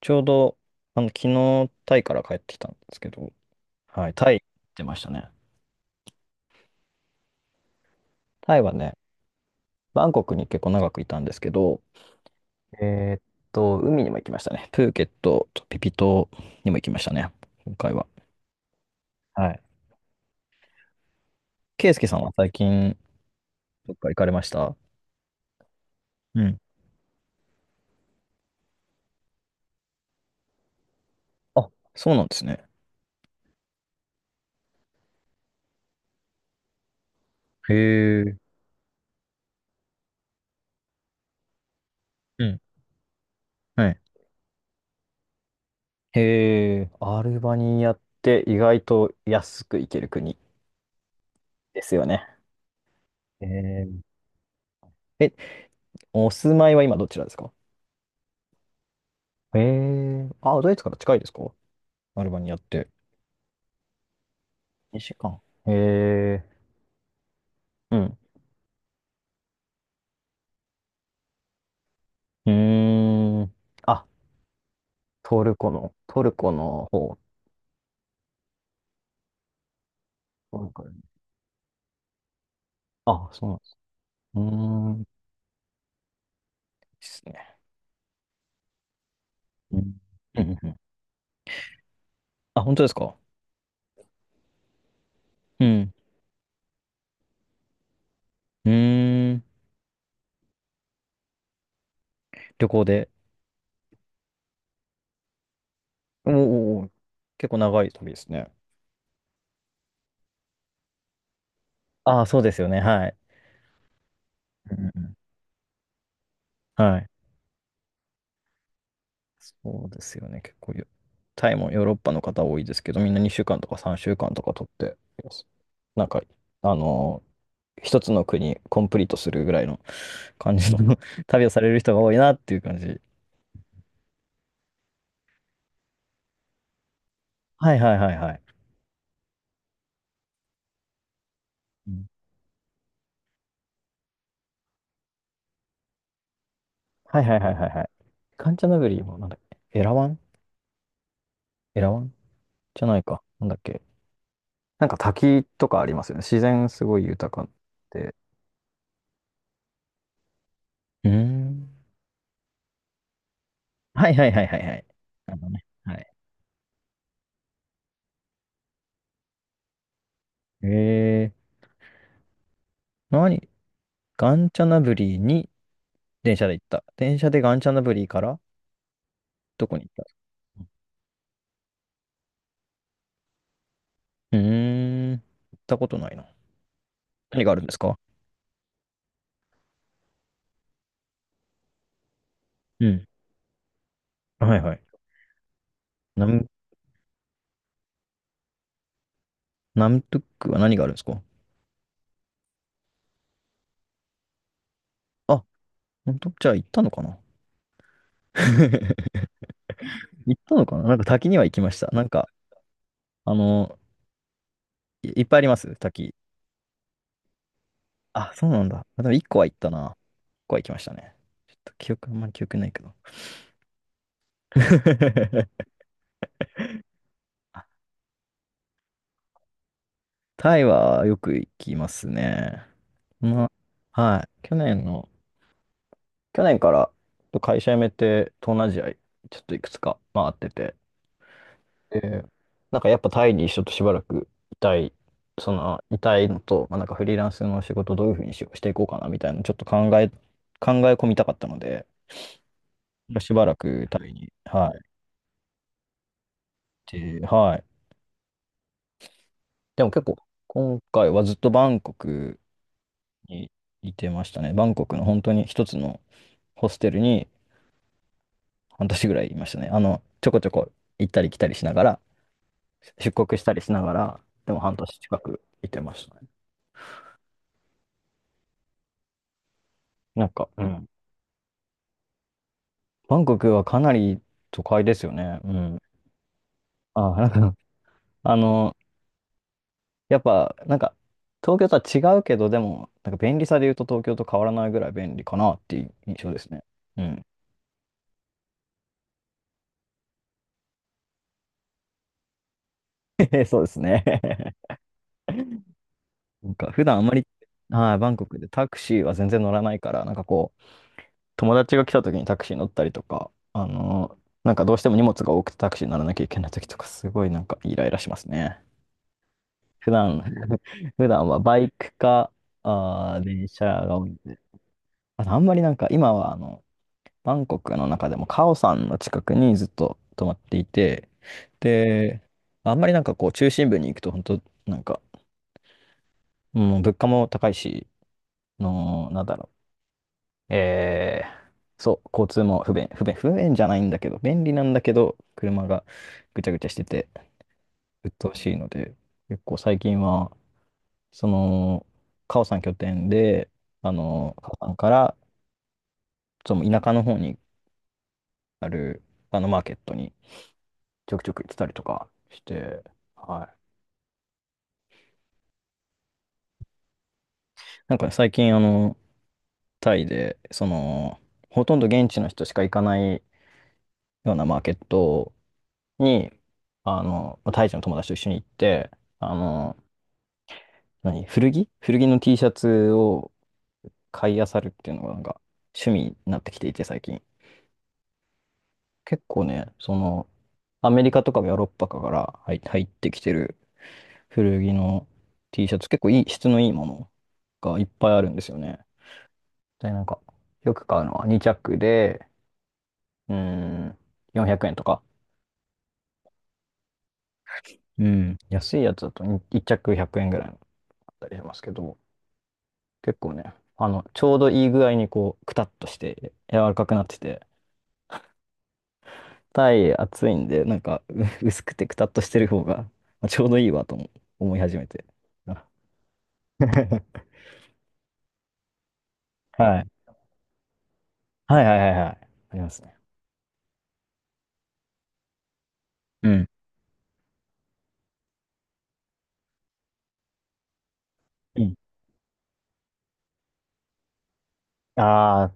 ちょうど、昨日、タイから帰ってきたんですけど、はい、タイ行ってましたね。タイはね、バンコクに結構長くいたんですけど、えーっ海にも行きましたね。プーケットとピピ島にも行きましたね、今回は。はい。ケイスケさんは最近、どっか行かれました？うん。あ、そうなんですね。へえ。うん。はい。へえ、アルバニアって意外と安く行ける国ですよね。へーえ、お住まいは今どちらですか？ええー、あ、ドイツから近いですか？アルバニアって。2時間。ええー、うん。うーん。あ、トルコの方。トルコより。あ、そうなんです。うーん。いいっすね。うん。うんうんうん。あ、本当ですか？うん。うーん。旅行で。おーおーおー。結構長い旅ですね。ああ、そうですよね。はい。うんうんうん。はい。そうですよね。結構よ、タイもヨーロッパの方多いですけど、みんな2週間とか3週間とか取ってます、なんか、あのー一つの国コンプリートするぐらいの感じの 旅をされる人が多いなっていう感じ。はいはいはいはい。うん。はいはいはいはいはい。カンチャナブリもなんだっけ、エラワンじゃないか。なんだっけ。なんか滝とかありますよね。自然すごい豊かで。うーん。はいはいはいはいはい。あのね。はい。えー、何ガンチャナブリーに電車で行った？電車でガンチャナブリーからどこに行った？うーん。行ったことないな。何があるんですか？うん。はいはい。ナム、ナムトゥックは何があるんですか？あ、本当？じゃあ行ったのかな？ 行ったのかな。なんか滝には行きました。なんか、あの、いっぱいあります滝。あ、そうなんだ。あ、でも1個は行ったな。1個は行きましたね。ちょっと記憶、あんまり記憶ないけど。あ、タイはよく行きますね。まあ、はい。去年の、去年から会社辞めて東南アジアちょっといくつか回ってて、で、なんかやっぱタイにちょっとしばらくいたい、いたいのと、まあ、なんかフリーランスの仕事どういうふうにしていこうかなみたいなちょっと考え込みたかったので、しばらくタイに、はい。で、はい。でも結構、今回はずっとバンコクにいてましたね。バンコクの本当に一つのホステルに、半年ぐらいいましたね。ちょこちょこ行ったり来たりしながら、出国したりしながら、でも半年近くいてましたね。なんか、うん。バンコクはかなり都会ですよね。うん。あ、なんか、あの、やっぱ、なんか、東京とは違うけど、でも、なんか便利さで言うと東京と変わらないぐらい便利かなっていう印象ですね。うん。そうですね。なんか、普段あんまり、はい、バンコクでタクシーは全然乗らないから、なんかこう、友達が来た時にタクシー乗ったりとか、なんかどうしても荷物が多くてタクシーに乗らなきゃいけない時とか、すごいなんかイライラしますね。普段、普段はバイクか、電車が多いんで。あとあんまりなんか今はバンコクの中でもカオさんの近くにずっと泊まっていて、で、あんまりなんかこう中心部に行くと本当なんか、もう物価も高いし、の、なんだろう。えそう、交通も不便じゃないんだけど、便利なんだけど、車がぐちゃぐちゃしてて、鬱陶しいので、結構最近は、その、カオさん拠点で、カオさんから、その田舎の方にある、マーケットにちょくちょく行ってたりとかして、はい。なんかね最近、タイで、ほとんど現地の人しか行かないようなマーケットに、タイ人の友達と一緒に行って、あの、何古着古着の T シャツを買い漁るっていうのがなんか趣味になってきていて最近。結構ね、そのアメリカとかヨーロッパから入ってきてる古着の T シャツ結構いい質のいいものがいっぱいあるんですよね。で、なんかよく買うのは2着で、うーん、400円とか。うん。安いやつだと1着100円ぐらいだったりしますけど、結構ね、ちょうどいい具合にこう、くたっとして柔らかくなってて、暑いんで、なんか、薄くてくたっとしてる方が、まあ、ちょうどいいわとも思い始めて。あ はい。はいはいはいはい。ありますね。うん。うん。ああー、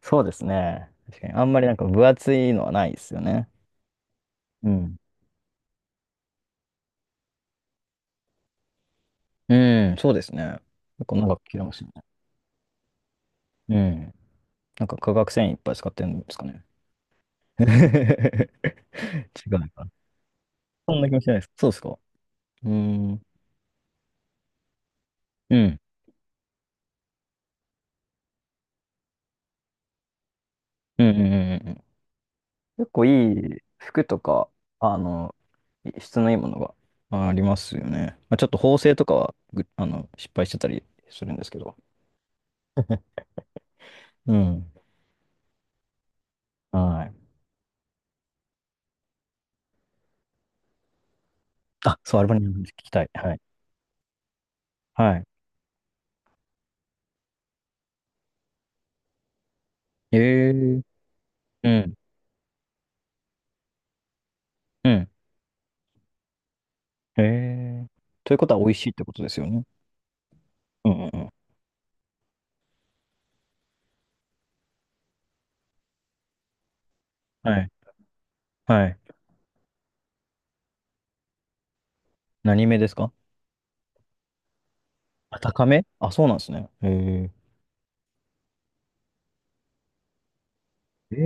そうですね。確かに。あんまりなんか分厚いのはないですよね。うん。うん、そうですね。結構長く切れますよね。うん。なんか化学繊維いっぱい使ってるんですかね。違うのかな。そんな気もしないです。そうですか。うーん。うん。うんうんうんうんうん。結構いい服とか、あの、質のいいものがまあありますよね。まあ、ちょっと縫製とかはぐ、あの、失敗してたりするんですけど。うん。はい。あ、そう、アルバニアの話聞きたい。はい。はい。ええー。うん。うん。ええー、ということは美味しいってことですよね。うんうんうん。はい。はい。何目ですか？あ、高め。あ、そうなんですね。ええー。え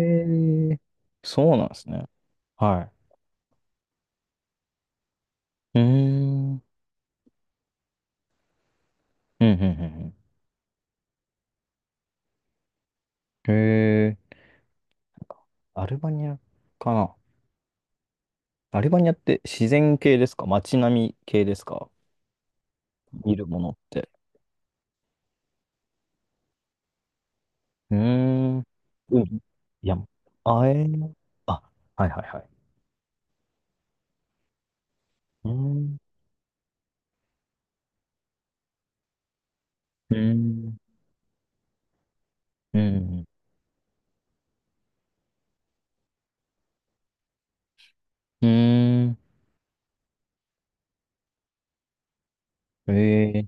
えー。そうなんですね。はい。うーん。うんうんうんうん。へえ。なんかアルバニアかな。アルバニアって自然系ですか？街並み系ですか？見るものって。うーん。うん。いや、あえー、あ、はいはいはい。うーん。うーん。うん。うーん。えー。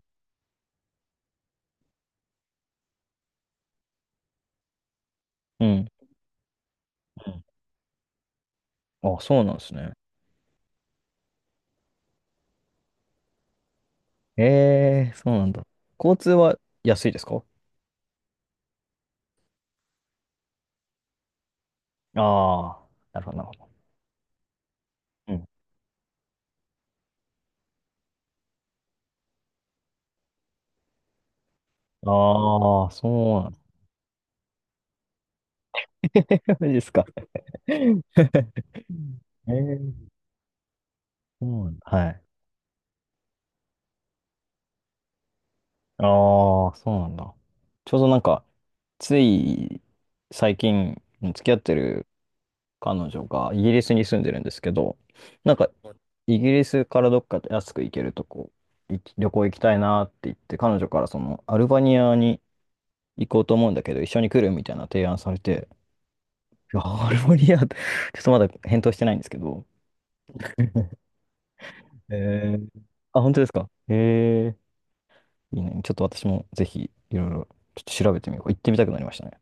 うん。うん。あ、そうなんですね。えー、そうなんだ。交通は安いですか？ああー、なるほど、なるほど。うん。ああ、そうなんだ。 マジですか。えー、そうなんだ。はい。ああ、そうなんだ。ちょうどなんか、つい最近付き合ってる彼女がイギリスに住んでるんですけど、なんかイギリスからどっか安く行けるとこ、旅行行きたいなって言って、彼女からそのアルバニアに行こうと思うんだけど、一緒に来るみたいな提案されて、いや、アルバニアって ちょっとまだ返答してないんですけど、えー、あ、本当ですか？へえー、いいね。ちょっと私もぜひいろいろちょっと調べてみよう。行ってみたくなりましたね。